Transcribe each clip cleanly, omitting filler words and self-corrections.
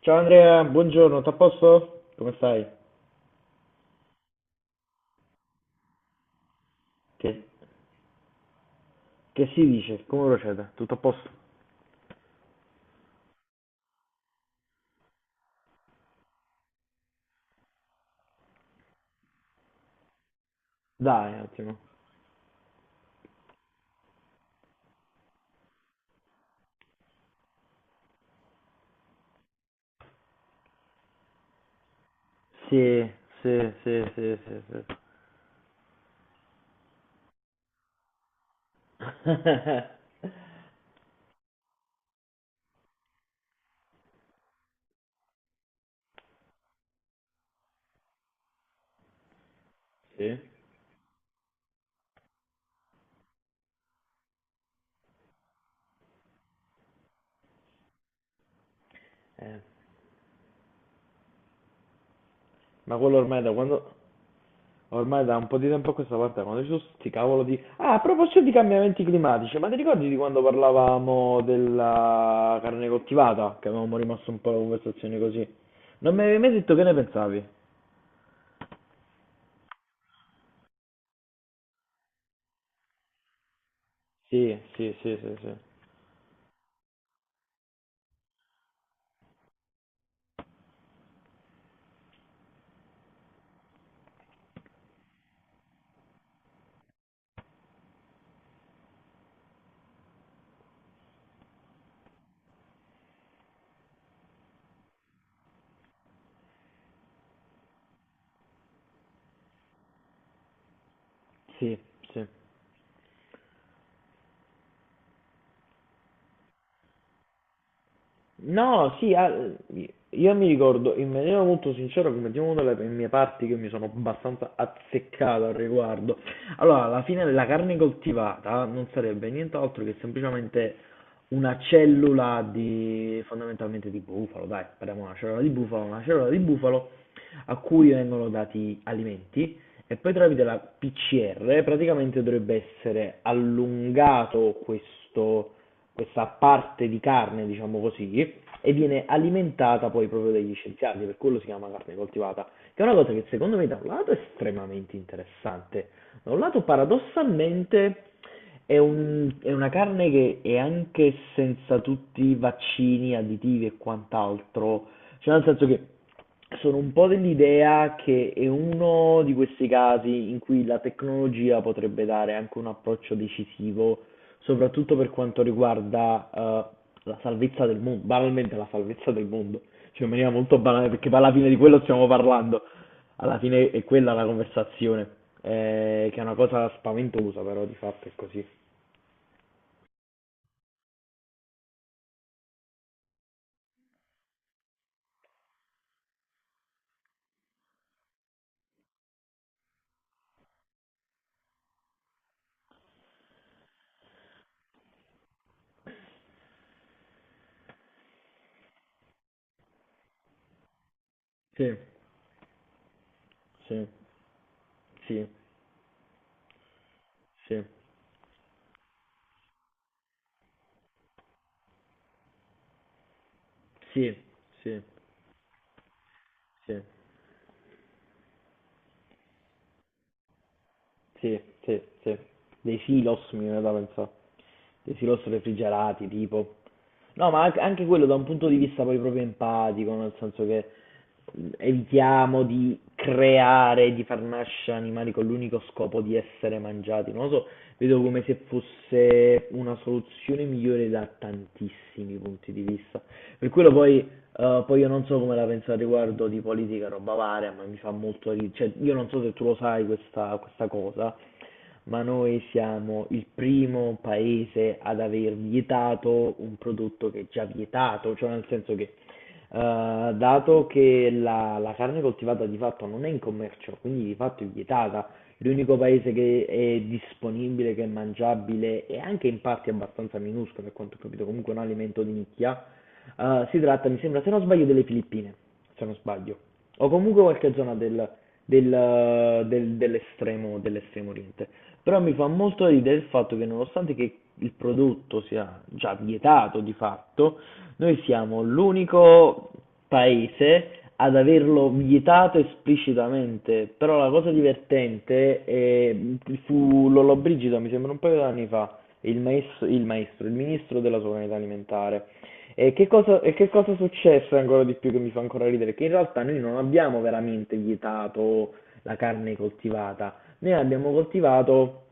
Ciao Andrea, buongiorno, tutto a posto? Come stai? Che, che si dice? Come procede? Tutto a posto? Dai, un attimo. Sì, sì, sì, sì, sì, sì. Sì? Eh, ma quello ormai da quando. Ormai da un po' di tempo a questa parte, quando ci sono sti cavolo di. Ah, a proposito di cambiamenti climatici, ma ti ricordi di quando parlavamo della carne coltivata? Che avevamo rimasto un po' la conversazione così. Non mi avevi mai detto che ne pensavi? Sì, sì, sì, sì, sì. Sì, sì. No, sì, ah, io mi ricordo in maniera molto sincera, come diciamo, una delle mie parti che mi sono abbastanza azzeccato al riguardo. Allora, alla fine la carne coltivata non sarebbe nient'altro che semplicemente una cellula di, fondamentalmente di bufalo, dai, parliamo di una cellula di bufalo, una cellula di bufalo a cui vengono dati alimenti e poi tramite la PCR praticamente dovrebbe essere allungato questo questa parte di carne, diciamo così, e viene alimentata poi proprio dagli scienziati, per quello si chiama carne coltivata, che è una cosa che secondo me da un lato è estremamente interessante, da un lato paradossalmente è una carne che è anche senza tutti i vaccini, additivi e quant'altro, cioè nel senso che sono un po' dell'idea che è uno di questi casi in cui la tecnologia potrebbe dare anche un approccio decisivo, soprattutto per quanto riguarda la salvezza del mondo, banalmente la salvezza del mondo, cioè in maniera molto banale, perché poi alla fine di quello stiamo parlando, alla fine è quella la conversazione, che è una cosa spaventosa, però di fatto è così. Sì, sì, sì, sì, sì, sì, sì. Sì, sì, sì. Dei silos mi viene da pensare. Dei silos refrigerati, tipo. No, ma anche quello da un punto di vista poi proprio empatico, nel senso che evitiamo di creare, di far nascere animali con l'unico scopo di essere mangiati. Non lo so, vedo come se fosse una soluzione migliore da tantissimi punti di vista. Per quello poi, poi io non so come la penso al riguardo di politica, roba varia, ma mi fa molto ridere. Cioè, io non so se tu lo sai questa cosa, ma noi siamo il primo paese ad aver vietato un prodotto che è già vietato, cioè nel senso che dato che la carne coltivata di fatto non è in commercio, quindi di fatto è vietata, l'unico paese che è disponibile, che è mangiabile e anche in parti abbastanza minuscole, per quanto ho capito, comunque un alimento di nicchia, si tratta, mi sembra, se non sbaglio, delle Filippine, se non sbaglio, o comunque qualche zona dell'estremo oriente. Però mi fa molto ridere il fatto che nonostante che il prodotto sia già vietato di fatto, noi siamo l'unico paese ad averlo vietato esplicitamente. Però la cosa divertente è, fu Lollobrigida, mi sembra un paio di anni fa, il maestro, il ministro della sovranità alimentare, e che cosa è successo ancora di più che mi fa ancora ridere? Che in realtà noi non abbiamo veramente vietato la carne coltivata, noi abbiamo coltivato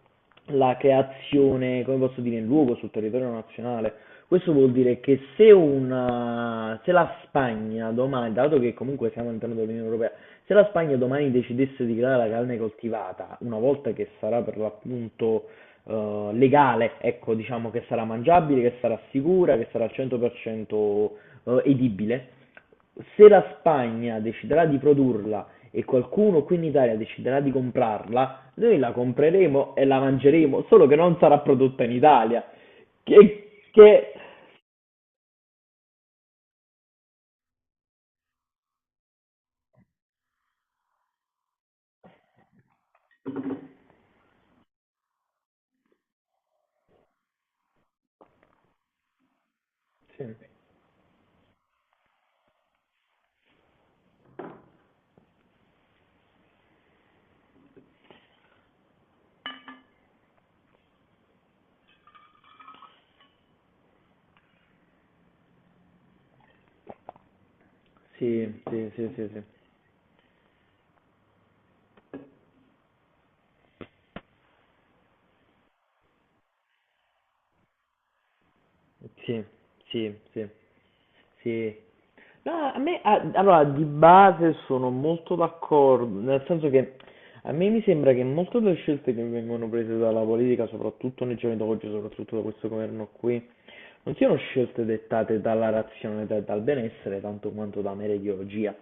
la creazione, come posso dire, in luogo sul territorio nazionale. Questo vuol dire che se la Spagna domani, dato che comunque siamo all'interno dell'Unione Europea, se la Spagna domani decidesse di creare la carne coltivata, una volta che sarà per l'appunto legale, ecco, diciamo che sarà mangiabile, che sarà sicura, che sarà al 100% edibile. Se la Spagna deciderà di produrla e qualcuno qui in Italia deciderà di comprarla, noi la compreremo e la mangeremo, solo che non sarà prodotta in Italia. Che. Sì, sì, sì, sì, sì, sì, sì, sì. Sì. No, a me, allora, di base sono molto d'accordo, nel senso che a me mi sembra che molte delle scelte che vengono prese dalla politica, soprattutto nei giorni d'oggi, soprattutto da questo governo qui, non siano scelte dettate dalla razionalità e dal benessere, tanto quanto da mera ideologia,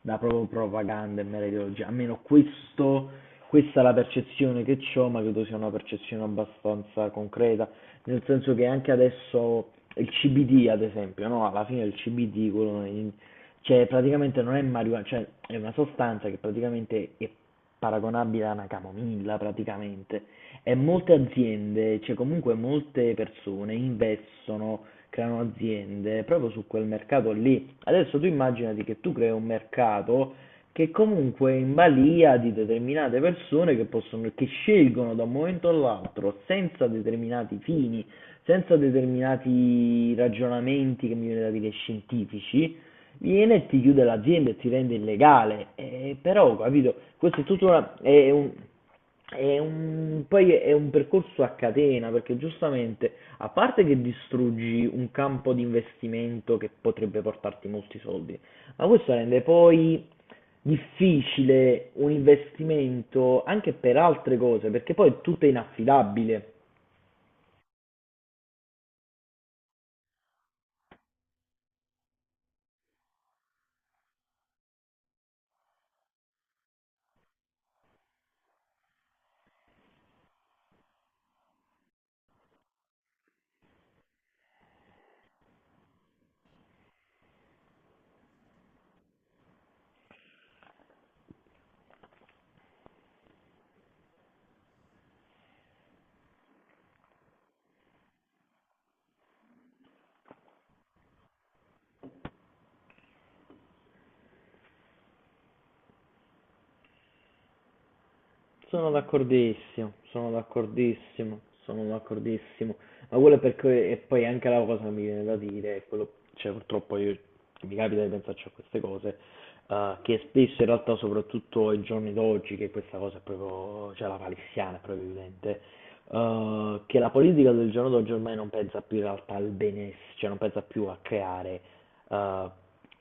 da proprio propaganda e mera ideologia. Almeno questa è la percezione che ho, ma credo sia una percezione abbastanza concreta, nel senso che anche adesso il CBD, ad esempio, no? Alla fine il CBD, cioè praticamente non è marijuana, cioè è una sostanza che praticamente è paragonabile a una camomilla praticamente. E molte aziende, cioè comunque molte persone investono, creano aziende proprio su quel mercato lì. Adesso tu immaginati che tu crei un mercato che comunque è in balia di determinate persone che possono, che scelgono da un momento all'altro senza determinati fini, senza determinati ragionamenti che mi viene da dire scientifici, viene e ti chiude l'azienda e ti rende illegale. Però, capito, questo è tutto una, è un- poi è un percorso a catena, perché giustamente, a parte che distruggi un campo di investimento che potrebbe portarti molti soldi, ma questo rende poi difficile un investimento anche per altre cose, perché poi tutto è inaffidabile. Sono d'accordissimo, sono d'accordissimo, sono d'accordissimo. Ma quello è perché, e poi anche la cosa che mi viene da dire, è quello, cioè purtroppo io, mi capita di pensarci a queste cose, che spesso in realtà, soprattutto ai giorni d'oggi, che questa cosa è proprio, cioè la palissiana è proprio evidente, che la politica del giorno d'oggi ormai non pensa più in realtà al benessere, cioè non pensa più a creare eh,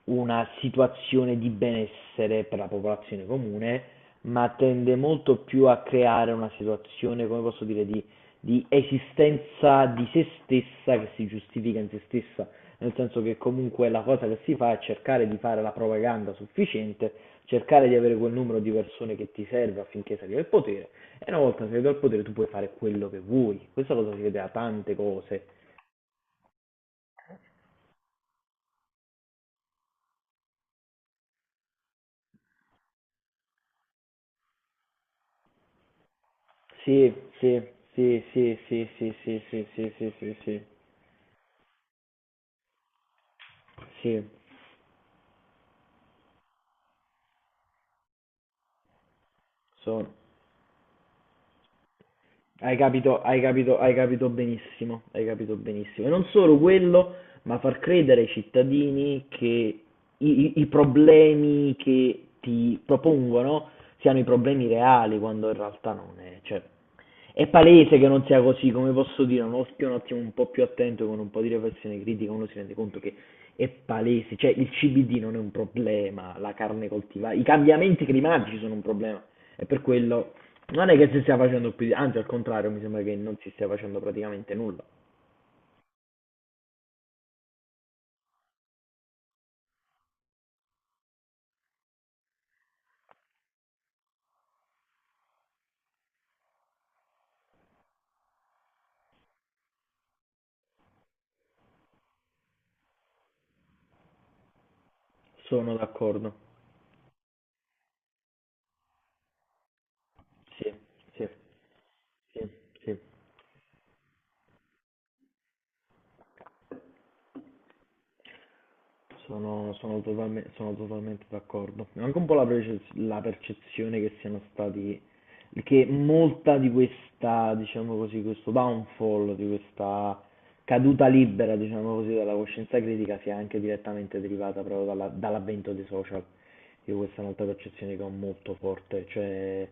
una situazione di benessere per la popolazione comune, ma tende molto più a creare una situazione, come posso dire, di esistenza di se stessa che si giustifica in se stessa, nel senso che comunque la cosa che si fa è cercare di fare la propaganda sufficiente, cercare di avere quel numero di persone che ti serve affinché salga al potere, e una volta salito al potere tu puoi fare quello che vuoi. Questa cosa si vede da tante cose. Sì, sì, sì, sì, sì, sì, sì, sì, sì, sì, sì, sì. Sì. Sì, so- hai capito, hai capito, hai capito benissimo, hai capito benissimo. E non solo quello, ma far credere ai cittadini che i problemi che ti propongono siano i problemi reali, quando in realtà non è. Cioè, è palese che non sia così, come posso dire, un occhio un attimo un po' più attento, con un po' di riflessione critica, uno si rende conto che è palese, cioè il CBD non è un problema, la carne coltivata, i cambiamenti climatici sono un problema. E per quello non è che si stia facendo più, anzi al contrario, mi sembra che non si stia facendo praticamente nulla. Sono d'accordo. Sì, sì, sì, sì. Sono totalmente d'accordo. È anche un po' la percezione che siano stati, che molta di questa, diciamo così, questo downfall, di questa caduta libera, diciamo così, dalla coscienza critica sia anche direttamente derivata proprio dall'avvento dei social. Io questa è un'altra percezione che ho molto forte, cioè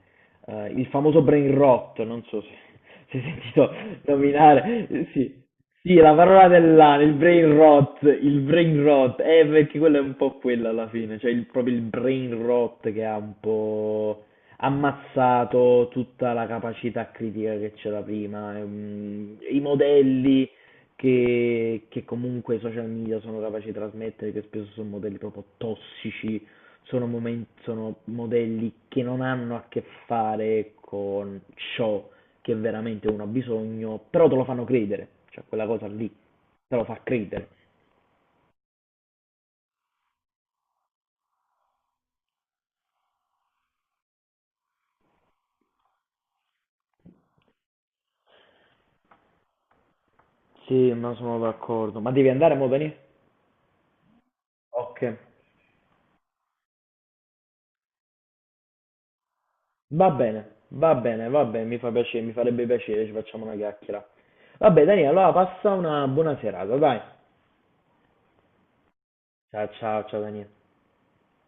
il famoso brain rot, non so se se hai sentito nominare, sì. Sì, la parola dell'anno, il brain rot, perché quello è un po' quello alla fine, cioè proprio il brain rot che ha un po' ammazzato tutta la capacità critica che c'era prima, i modelli che comunque i social media sono capaci di trasmettere, che spesso sono modelli proprio tossici, sono modelli che non hanno a che fare con ciò che veramente uno ha bisogno, però te lo fanno credere, cioè quella cosa lì te lo fa credere. Sì, ma sono d'accordo. Ma devi andare, mo, Dani? Ok. Va bene, va bene, va bene, mi fa piacere, mi farebbe piacere, ci facciamo una chiacchiera. Vabbè, Dani, allora passa una buona serata, dai. Ciao ciao ciao Daniele.